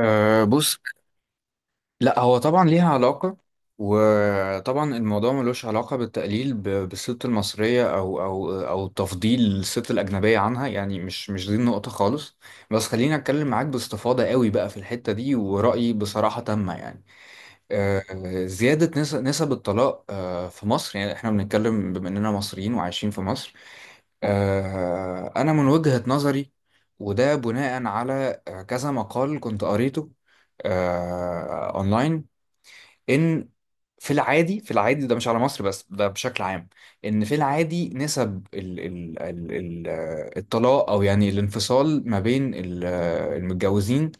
أه، بص. لا، هو طبعا ليها علاقة. وطبعا الموضوع ملوش علاقة بالتقليل بالست المصرية أو تفضيل الست الأجنبية عنها. يعني مش دي النقطة خالص. بس خليني أتكلم معاك باستفاضة قوي بقى في الحتة دي، ورأيي بصراحة تامة يعني. زيادة نسب الطلاق في مصر، يعني إحنا بنتكلم بما إننا مصريين وعايشين في مصر. أنا من وجهة نظري، وده بناء على كذا مقال كنت قريته أونلاين، إن في العادي ده مش على مصر بس، ده بشكل عام. إن في العادي نسب ال ال ال ال آه، الطلاق، أو يعني الانفصال ما بين المتجوزين،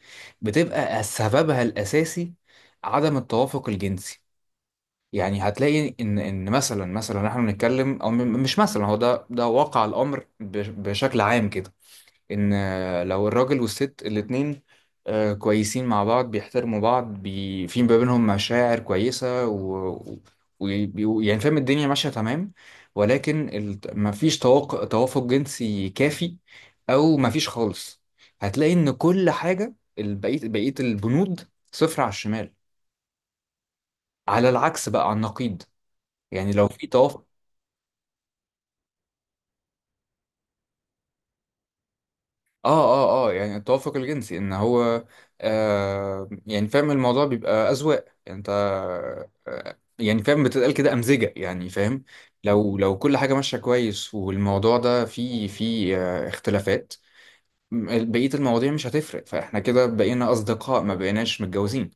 بتبقى سببها الأساسي عدم التوافق الجنسي. يعني هتلاقي ان مثلا احنا بنتكلم مش مثلا، هو ده واقع الامر بشكل عام كده. ان لو الراجل والست الاتنين كويسين مع بعض، بيحترموا بعض، في ما بينهم مشاعر كويسة، و يعني فاهم، الدنيا ماشية تمام. ولكن مفيش توافق جنسي كافي، او مفيش خالص. هتلاقي ان كل حاجة، بقية البنود، صفر على الشمال. على العكس بقى، على النقيض، يعني لو في توافق. اه يعني التوافق الجنسي ان هو، يعني فاهم، الموضوع بيبقى اذواق يعني، انت يعني فاهم، بتتقال كده امزجه يعني، فاهم. لو كل حاجه ماشيه كويس، والموضوع ده فيه اختلافات، بقيه المواضيع مش هتفرق، فاحنا كده بقينا اصدقاء، ما بقيناش متجوزين.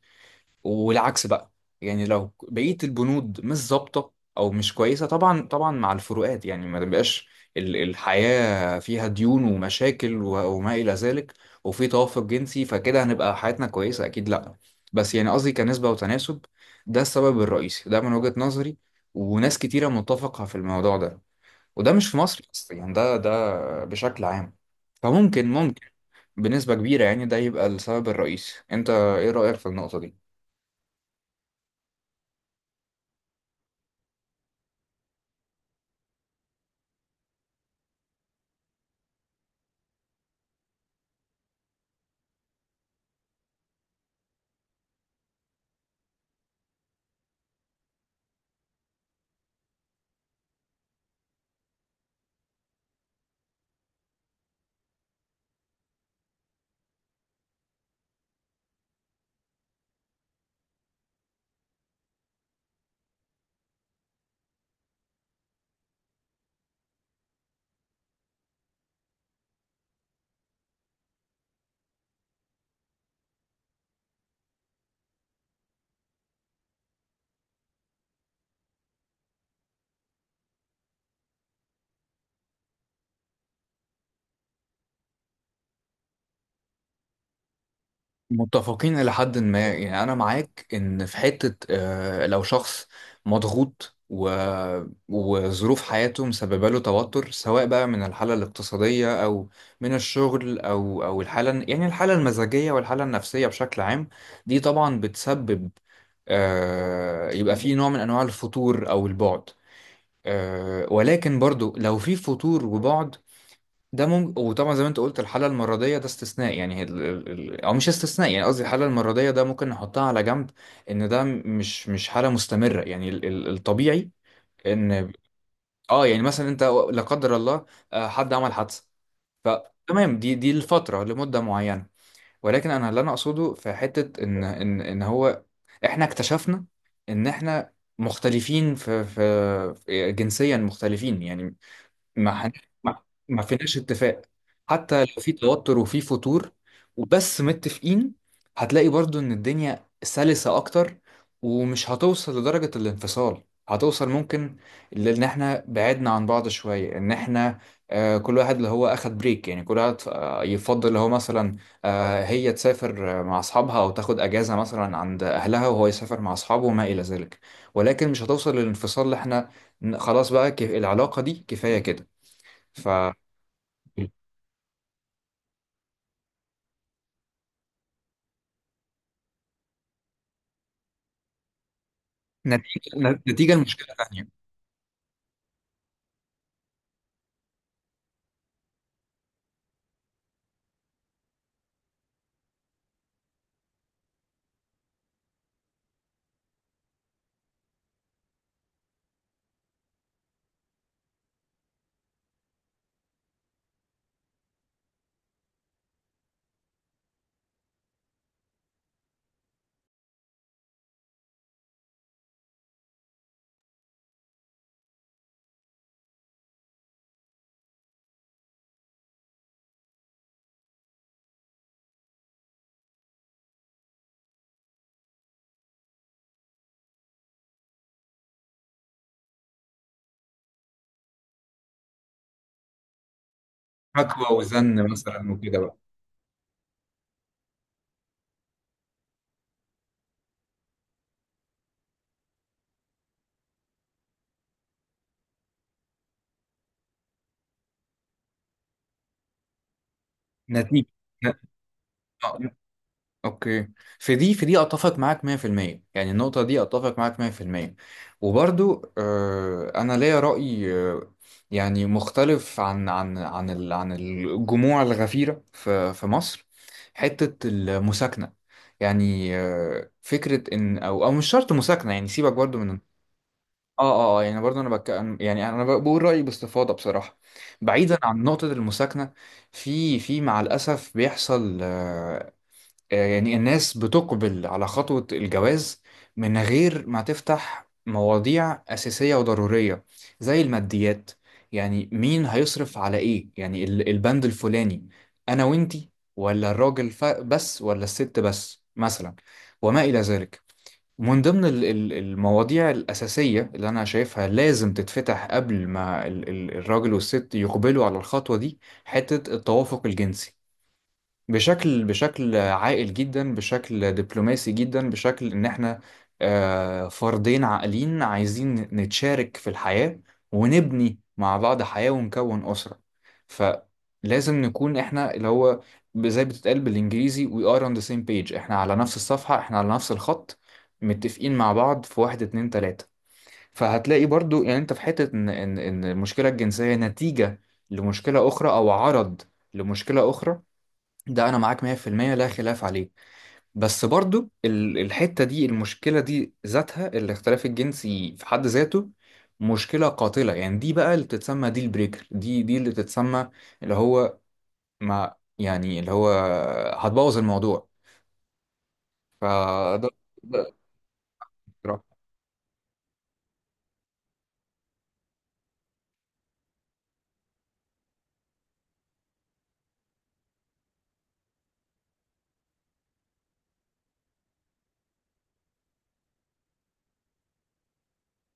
والعكس بقى، يعني لو بقية البنود مش ظابطة أو مش كويسة، طبعا طبعا مع الفروقات يعني، ما تبقاش الحياة فيها ديون ومشاكل وما إلى ذلك، وفي توافق جنسي، فكده هنبقى حياتنا كويسة أكيد؟ لأ. بس يعني قصدي كنسبة وتناسب، ده السبب الرئيسي، ده من وجهة نظري، وناس كتيرة متفقة في الموضوع ده، وده مش في مصر بس يعني، ده بشكل عام. فممكن بنسبة كبيرة يعني، ده يبقى السبب الرئيسي. أنت إيه رأيك في النقطة دي؟ متفقين إلى حد ما. يعني أنا معاك إن في حتة، لو شخص مضغوط وظروف حياته مسببة له توتر، سواء بقى من الحالة الاقتصادية، أو من الشغل، أو الحالة، يعني الحالة المزاجية والحالة النفسية بشكل عام، دي طبعا بتسبب يبقى في نوع من أنواع الفتور أو البعد. ولكن برضو لو في فتور وبعد، ده ممكن. وطبعا زي ما انت قلت، الحالة المرضية ده استثناء، يعني هي او مش استثناء، يعني قصدي، الحالة المرضية ده ممكن نحطها على جنب، ان ده مش حالة مستمرة. يعني الطبيعي ان، اه يعني مثلا انت، لا قدر الله، حد عمل حادثة، فتمام، دي الفترة لمدة معينة. ولكن انا اللي انا اقصده في حتة، ان ان هو، احنا اكتشفنا ان احنا مختلفين جنسيا مختلفين يعني، ما حن... ما ما فيناش اتفاق. حتى لو في توتر وفي فتور وبس متفقين، هتلاقي برضو ان الدنيا سلسة اكتر، ومش هتوصل لدرجة الانفصال. هتوصل ممكن ان احنا بعدنا عن بعض شوية، ان احنا كل واحد اللي هو اخد بريك، يعني كل واحد يفضل اللي هو مثلا، هي تسافر مع اصحابها، او تاخد اجازة مثلا عند اهلها، وهو يسافر مع اصحابه وما الى ذلك. ولكن مش هتوصل للانفصال، اللي احنا خلاص بقى العلاقة دي كفاية كده. ف نتيجة نتيجة المشكلة تانية، حكوى وزن مثلا، وكده بقى، نتيجة. ن- آه، اوكي. في دي اتفق معاك 100%، يعني النقطة دي اتفق معاك 100%. وبرضو انا ليا رأي، يعني مختلف عن الجموع الغفيرة في مصر، حتة المساكنة. يعني فكرة إن، أو أو مش شرط مساكنة، يعني سيبك برضو من، يعني برضه انا يعني انا بقول رايي باستفاضه بصراحه، بعيدا عن نقطه المساكنه. في مع الاسف بيحصل، يعني الناس بتقبل على خطوه الجواز من غير ما تفتح مواضيع اساسيه وضروريه زي الماديات، يعني مين هيصرف على ايه، يعني البند الفلاني، انا وانتي، ولا الراجل بس، ولا الست بس مثلا، وما الى ذلك. ومن ضمن المواضيع الأساسية اللي أنا شايفها لازم تتفتح قبل ما الراجل والست يقبلوا على الخطوة دي، حتة التوافق الجنسي، بشكل عاقل جدا، بشكل دبلوماسي جدا، بشكل ان احنا فردين عاقلين عايزين نتشارك في الحياة، ونبني مع بعض حياة، ونكون أسرة. فلازم نكون احنا، اللي هو زي بتتقال بالانجليزي, we are on the same page، احنا على نفس الصفحة، احنا على نفس الخط، متفقين مع بعض في واحد اتنين تلاتة. فهتلاقي برضو يعني انت في حتة، ان ان إن المشكلة الجنسية نتيجة لمشكلة أخرى، أو عرض لمشكلة أخرى. ده انا معاك 100%، لا خلاف عليه. بس برضو الحتة دي، المشكلة دي ذاتها، الاختلاف الجنسي في حد ذاته مشكلة قاتلة. يعني دي بقى اللي بتتسمى ديل بريكر، دي اللي بتتسمى، اللي هو، ما يعني اللي هو، هتبوظ الموضوع. فده، ده-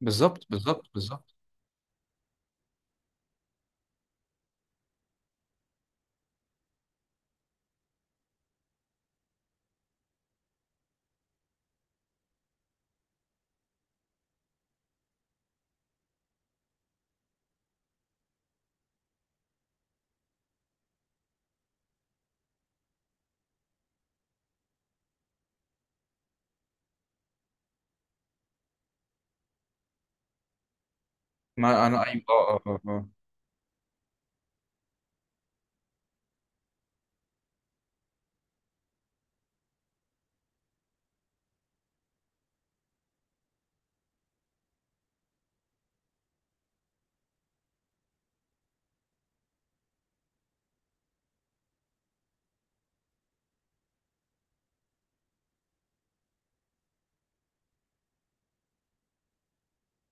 بالظبط بالظبط بالظبط. ما انا ايوه، آه، آه، آه. آه.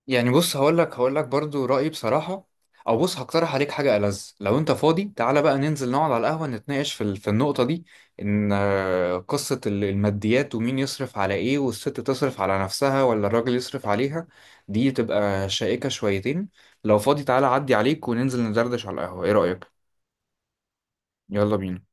يعني بص، هقول لك برضو رأيي بصراحة. او بص، هقترح عليك حاجة ألذ، لو انت فاضي تعالى بقى ننزل نقعد على القهوة، نتناقش في النقطة دي، ان قصة الماديات، ومين يصرف على ايه، والست تصرف على نفسها ولا الراجل يصرف عليها. دي تبقى شائكة شويتين. لو فاضي تعالى عدي عليك وننزل ندردش على القهوة، ايه رأيك؟ يلا بينا.